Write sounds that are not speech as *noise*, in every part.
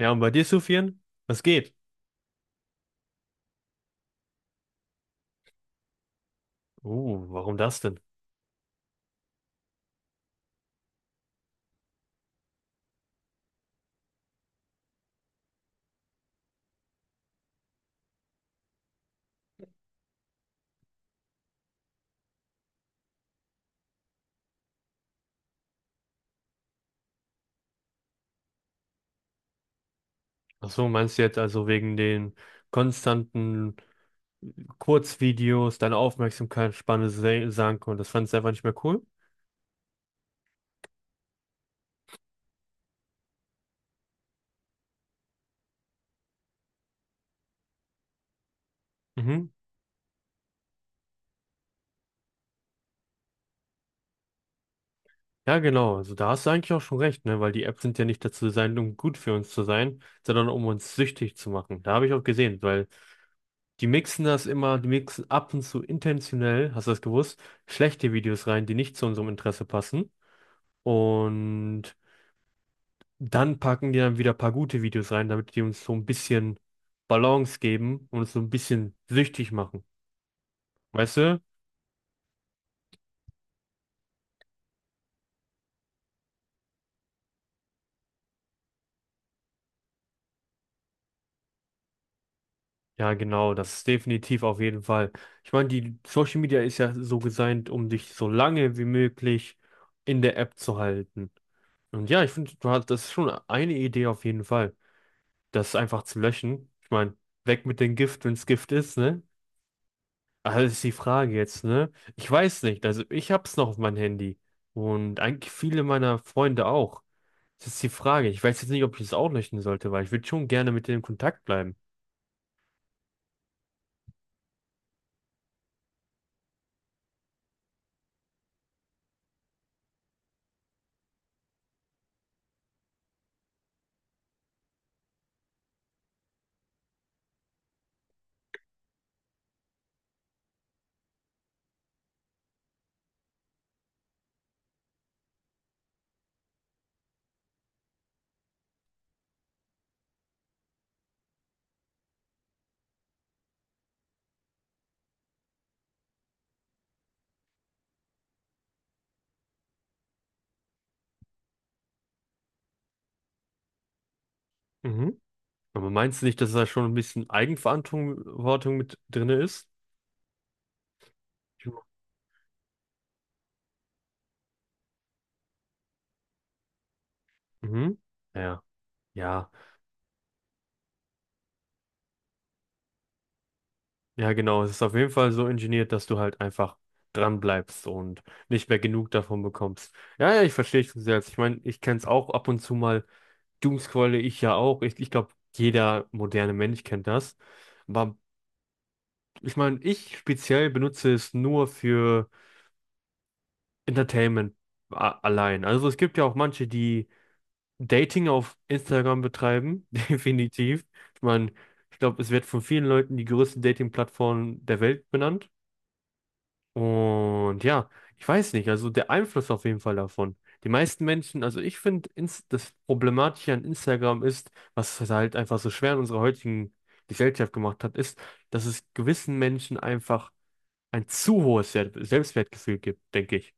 Ja, und bei dir, Sufian? Was geht? Warum das denn? Ach so, meinst du jetzt also wegen den konstanten Kurzvideos, deine Aufmerksamkeitsspanne sank und das fandest du einfach nicht mehr cool? Mhm. Ja, genau. Also da hast du eigentlich auch schon recht, ne? Weil die Apps sind ja nicht dazu designt, um gut für uns zu sein, sondern um uns süchtig zu machen. Da habe ich auch gesehen, weil die mixen ab und zu intentionell, hast du das gewusst, schlechte Videos rein, die nicht zu unserem Interesse passen. Und dann packen die dann wieder ein paar gute Videos rein, damit die uns so ein bisschen Balance geben und uns so ein bisschen süchtig machen. Weißt du? Ja, genau, das ist definitiv auf jeden Fall. Ich meine, die Social Media ist ja so designt, um dich so lange wie möglich in der App zu halten. Und ja, ich finde, das ist schon eine Idee auf jeden Fall, das einfach zu löschen. Ich meine, weg mit dem Gift, wenn es Gift ist, ne? Also das ist die Frage jetzt, ne? Ich weiß nicht, also ich hab's noch auf meinem Handy und eigentlich viele meiner Freunde auch. Das ist die Frage. Ich weiß jetzt nicht, ob ich es auch löschen sollte, weil ich würde schon gerne mit denen in Kontakt bleiben. Mhm. Aber meinst du nicht, dass da schon ein bisschen Eigenverantwortung Verantwortung mit drin ist? Mhm. Ja, ja. Ja, genau. Es ist auf jeden Fall so ingeniert, dass du halt einfach dran bleibst und nicht mehr genug davon bekommst. Ja, ja, ich verstehe dich selbst. Ich meine, ich kenne es auch ab und zu mal. Doomscrolle ich ja auch. Ich glaube, jeder moderne Mensch kennt das. Aber ich meine, ich speziell benutze es nur für Entertainment allein. Also es gibt ja auch manche, die Dating auf Instagram betreiben, *laughs* definitiv. Ich meine, ich glaube, es wird von vielen Leuten die größte Dating-Plattform der Welt benannt. Und ja, ich weiß nicht, also der Einfluss auf jeden Fall davon. Die meisten Menschen, also ich finde, das Problematische an Instagram ist, was es halt einfach so schwer in unserer heutigen Gesellschaft gemacht hat, ist, dass es gewissen Menschen einfach ein zu hohes Selbstwertgefühl gibt, denke ich.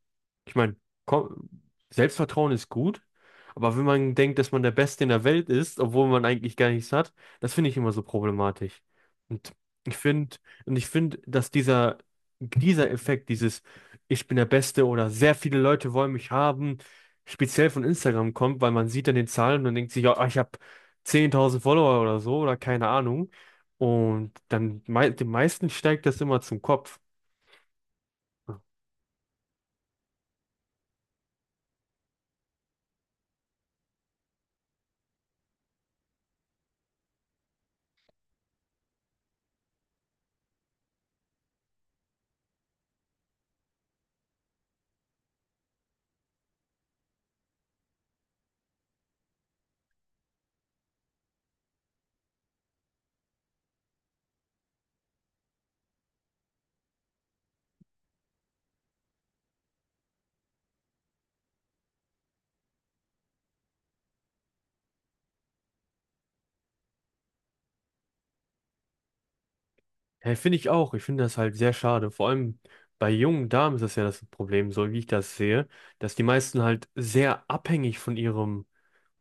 Ich meine, komm, Selbstvertrauen ist gut, aber wenn man denkt, dass man der Beste in der Welt ist, obwohl man eigentlich gar nichts hat, das finde ich immer so problematisch. Und ich finde, und ich finde, dass dieser Effekt, dieses Ich bin der Beste oder sehr viele Leute wollen mich haben, speziell von Instagram kommt, weil man sieht dann den Zahlen und denkt sich, ja, ich habe 10.000 Follower oder so oder keine Ahnung. Und dann mei den meisten steigt das immer zum Kopf. Ja, finde ich auch. Ich finde das halt sehr schade. Vor allem bei jungen Damen ist das ja das Problem, so wie ich das sehe, dass die meisten halt sehr abhängig von ihrem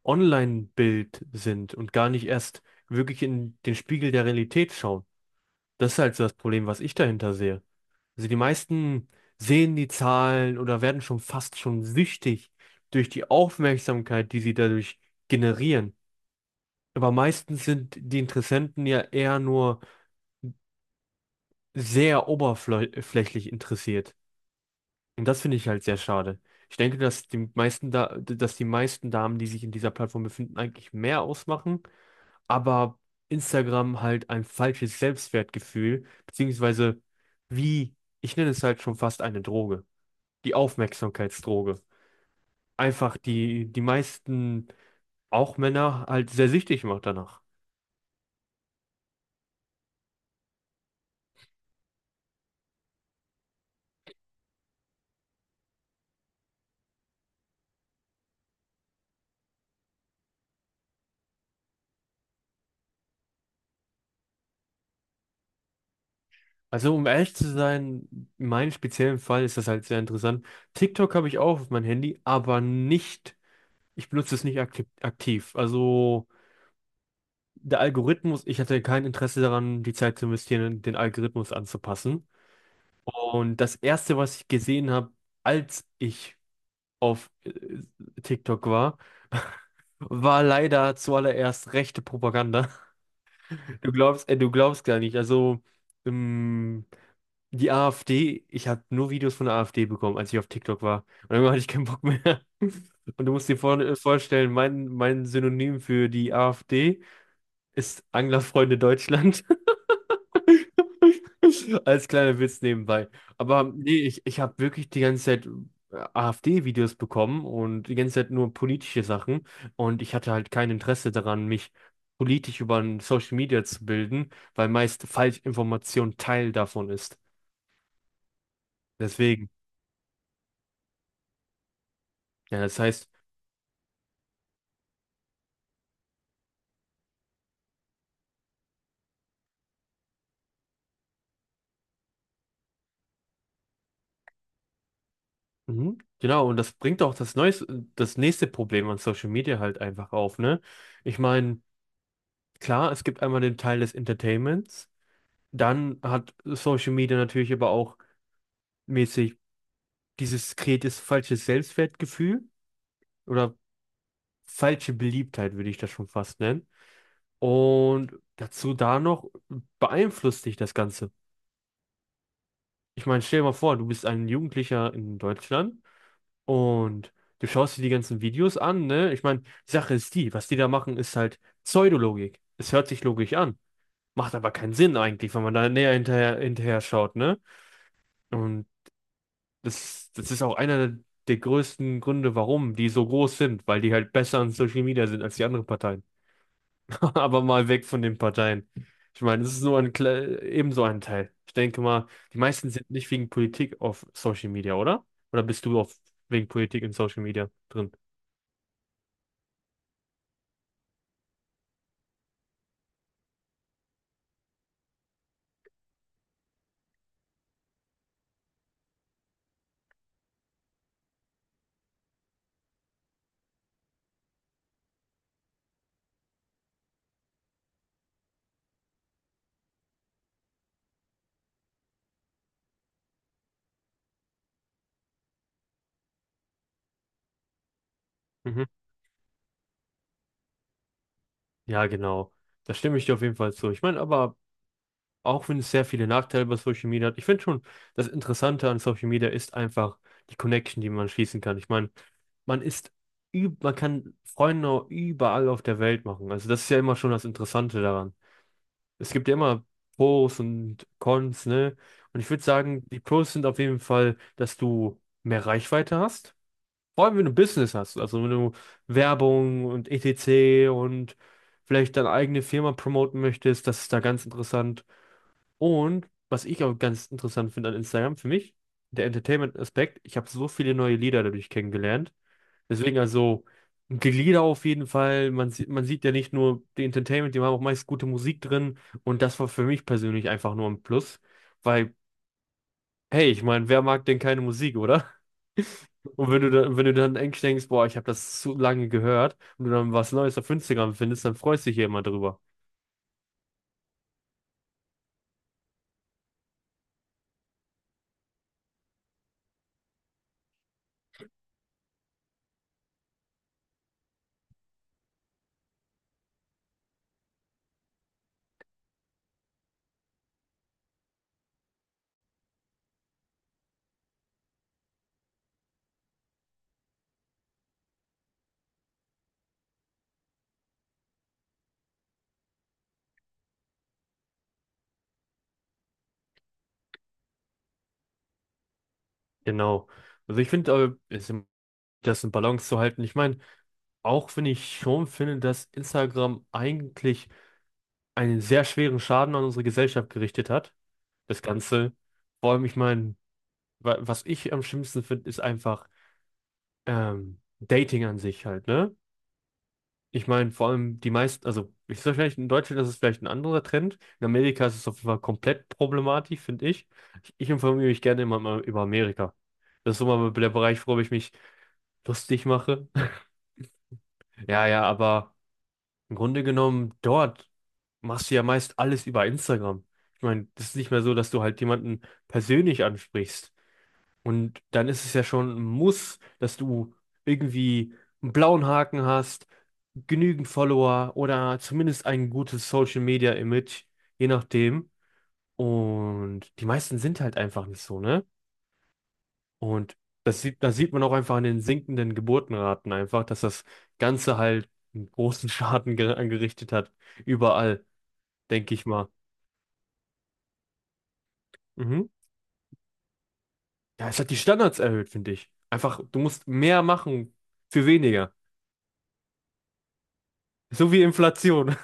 Online-Bild sind und gar nicht erst wirklich in den Spiegel der Realität schauen. Das ist halt so das Problem, was ich dahinter sehe. Also die meisten sehen die Zahlen oder werden schon fast schon süchtig durch die Aufmerksamkeit, die sie dadurch generieren. Aber meistens sind die Interessenten ja eher nur sehr oberflächlich interessiert. Und das finde ich halt sehr schade. Ich denke, dass die meisten Damen, die sich in dieser Plattform befinden, eigentlich mehr ausmachen, aber Instagram halt ein falsches Selbstwertgefühl, beziehungsweise wie, ich nenne es halt schon fast eine Droge, die Aufmerksamkeitsdroge. Einfach die meisten, auch Männer, halt sehr süchtig macht danach. Also um ehrlich zu sein, in meinem speziellen Fall ist das halt sehr interessant. TikTok habe ich auch auf mein Handy, aber nicht, ich benutze es nicht aktiv. Also der Algorithmus, ich hatte kein Interesse daran, die Zeit zu investieren, den Algorithmus anzupassen. Und das Erste, was ich gesehen habe, als ich auf TikTok war, war leider zuallererst rechte Propaganda. *laughs* Du glaubst gar nicht. Also ähm, die AfD, ich habe nur Videos von der AfD bekommen, als ich auf TikTok war. Und irgendwann hatte ich keinen Bock mehr. *laughs* Und du musst dir vorstellen, mein Synonym für die AfD ist Anglerfreunde Deutschland. *laughs* Als kleiner Witz nebenbei. Aber nee, ich habe wirklich die ganze Zeit AfD-Videos bekommen und die ganze Zeit nur politische Sachen. Und ich hatte halt kein Interesse daran, mich politisch über ein Social Media zu bilden, weil meist Falschinformation Teil davon ist. Deswegen, ja, das heißt. Mhm. Genau, und das bringt auch das nächste Problem an Social Media halt einfach auf, ne? Ich meine, klar, es gibt einmal den Teil des Entertainments, dann hat Social Media natürlich aber auch mäßig dieses kreiertes falsche Selbstwertgefühl oder falsche Beliebtheit, würde ich das schon fast nennen. Und dazu da noch beeinflusst dich das Ganze. Ich meine, stell dir mal vor, du bist ein Jugendlicher in Deutschland. Und du schaust dir die ganzen Videos an, ne? Ich meine, die Sache ist die, was die da machen, ist halt Pseudologik. Es hört sich logisch an, macht aber keinen Sinn eigentlich, wenn man da näher hinterher schaut, ne? Und das ist auch einer der größten Gründe, warum die so groß sind, weil die halt besser an Social Media sind als die anderen Parteien. *laughs* Aber mal weg von den Parteien. Ich meine, das ist nur ebenso ein Teil. Ich denke mal, die meisten sind nicht wegen Politik auf Social Media, oder? Oder wegen Politik in Social Media drin? Mhm. Ja, genau. Da stimme ich dir auf jeden Fall zu. Ich meine, aber auch wenn es sehr viele Nachteile bei Social Media hat, ich finde schon, das Interessante an Social Media ist einfach die Connection, die man schließen kann. Ich meine, man ist, man kann Freunde überall auf der Welt machen. Also das ist ja immer schon das Interessante daran. Es gibt ja immer Pros und Cons, ne? Und ich würde sagen, die Pros sind auf jeden Fall, dass du mehr Reichweite hast. Vor allem, wenn du Business hast, also wenn du Werbung und etc. und vielleicht deine eigene Firma promoten möchtest, das ist da ganz interessant. Und was ich auch ganz interessant finde an Instagram, für mich, der Entertainment-Aspekt, ich habe so viele neue Lieder dadurch kennengelernt. Deswegen also die Lieder auf jeden Fall, man sieht ja nicht nur die Entertainment, die haben auch meist gute Musik drin und das war für mich persönlich einfach nur ein Plus, weil, hey, ich meine, wer mag denn keine Musik, oder? Und wenn du dann, wenn du dann eigentlich denkst, boah, ich habe das zu lange gehört und du dann was Neues auf Instagram findest, dann freust du dich ja immer drüber. Genau. Also ich finde, das in Balance zu halten. Ich meine, auch wenn ich schon finde, dass Instagram eigentlich einen sehr schweren Schaden an unsere Gesellschaft gerichtet hat, das Ganze. Vor allem, ich meine, was ich am schlimmsten finde, ist einfach Dating an sich halt, ne? Ich meine, vor allem die meisten, also ich sage vielleicht, in Deutschland ist es vielleicht ein anderer Trend. In Amerika ist es auf jeden Fall komplett problematisch, finde ich. Ich. Ich informiere mich gerne immer mal über Amerika. Das ist immer der Bereich, worüber ich mich lustig mache. *laughs* Ja, ja, aber im Grunde genommen, dort machst du ja meist alles über Instagram. Ich meine, das ist nicht mehr so, dass du halt jemanden persönlich ansprichst. Und dann ist es ja schon ein Muss, dass du irgendwie einen blauen Haken hast, genügend Follower oder zumindest ein gutes Social Media Image, je nachdem. Und die meisten sind halt einfach nicht so, ne? Und das sieht man auch einfach an den sinkenden Geburtenraten einfach, dass das Ganze halt einen großen *laughs* Schaden angerichtet hat. Überall, denke ich mal. Mhm. Ja, es hat die Standards erhöht, finde ich. Einfach, du musst mehr machen für weniger. So wie Inflation.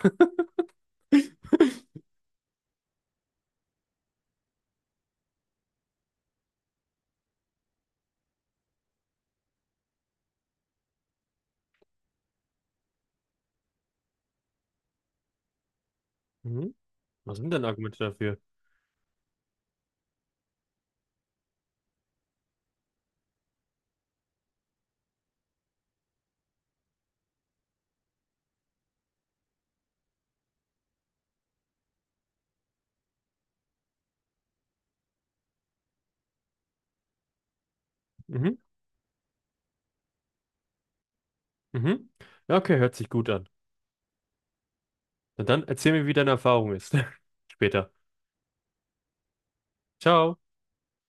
*laughs* Was sind denn Argumente dafür? Mhm, mhm. Ja, okay, hört sich gut an. Na dann erzähl mir, wie deine Erfahrung ist. *laughs* Später. Ciao.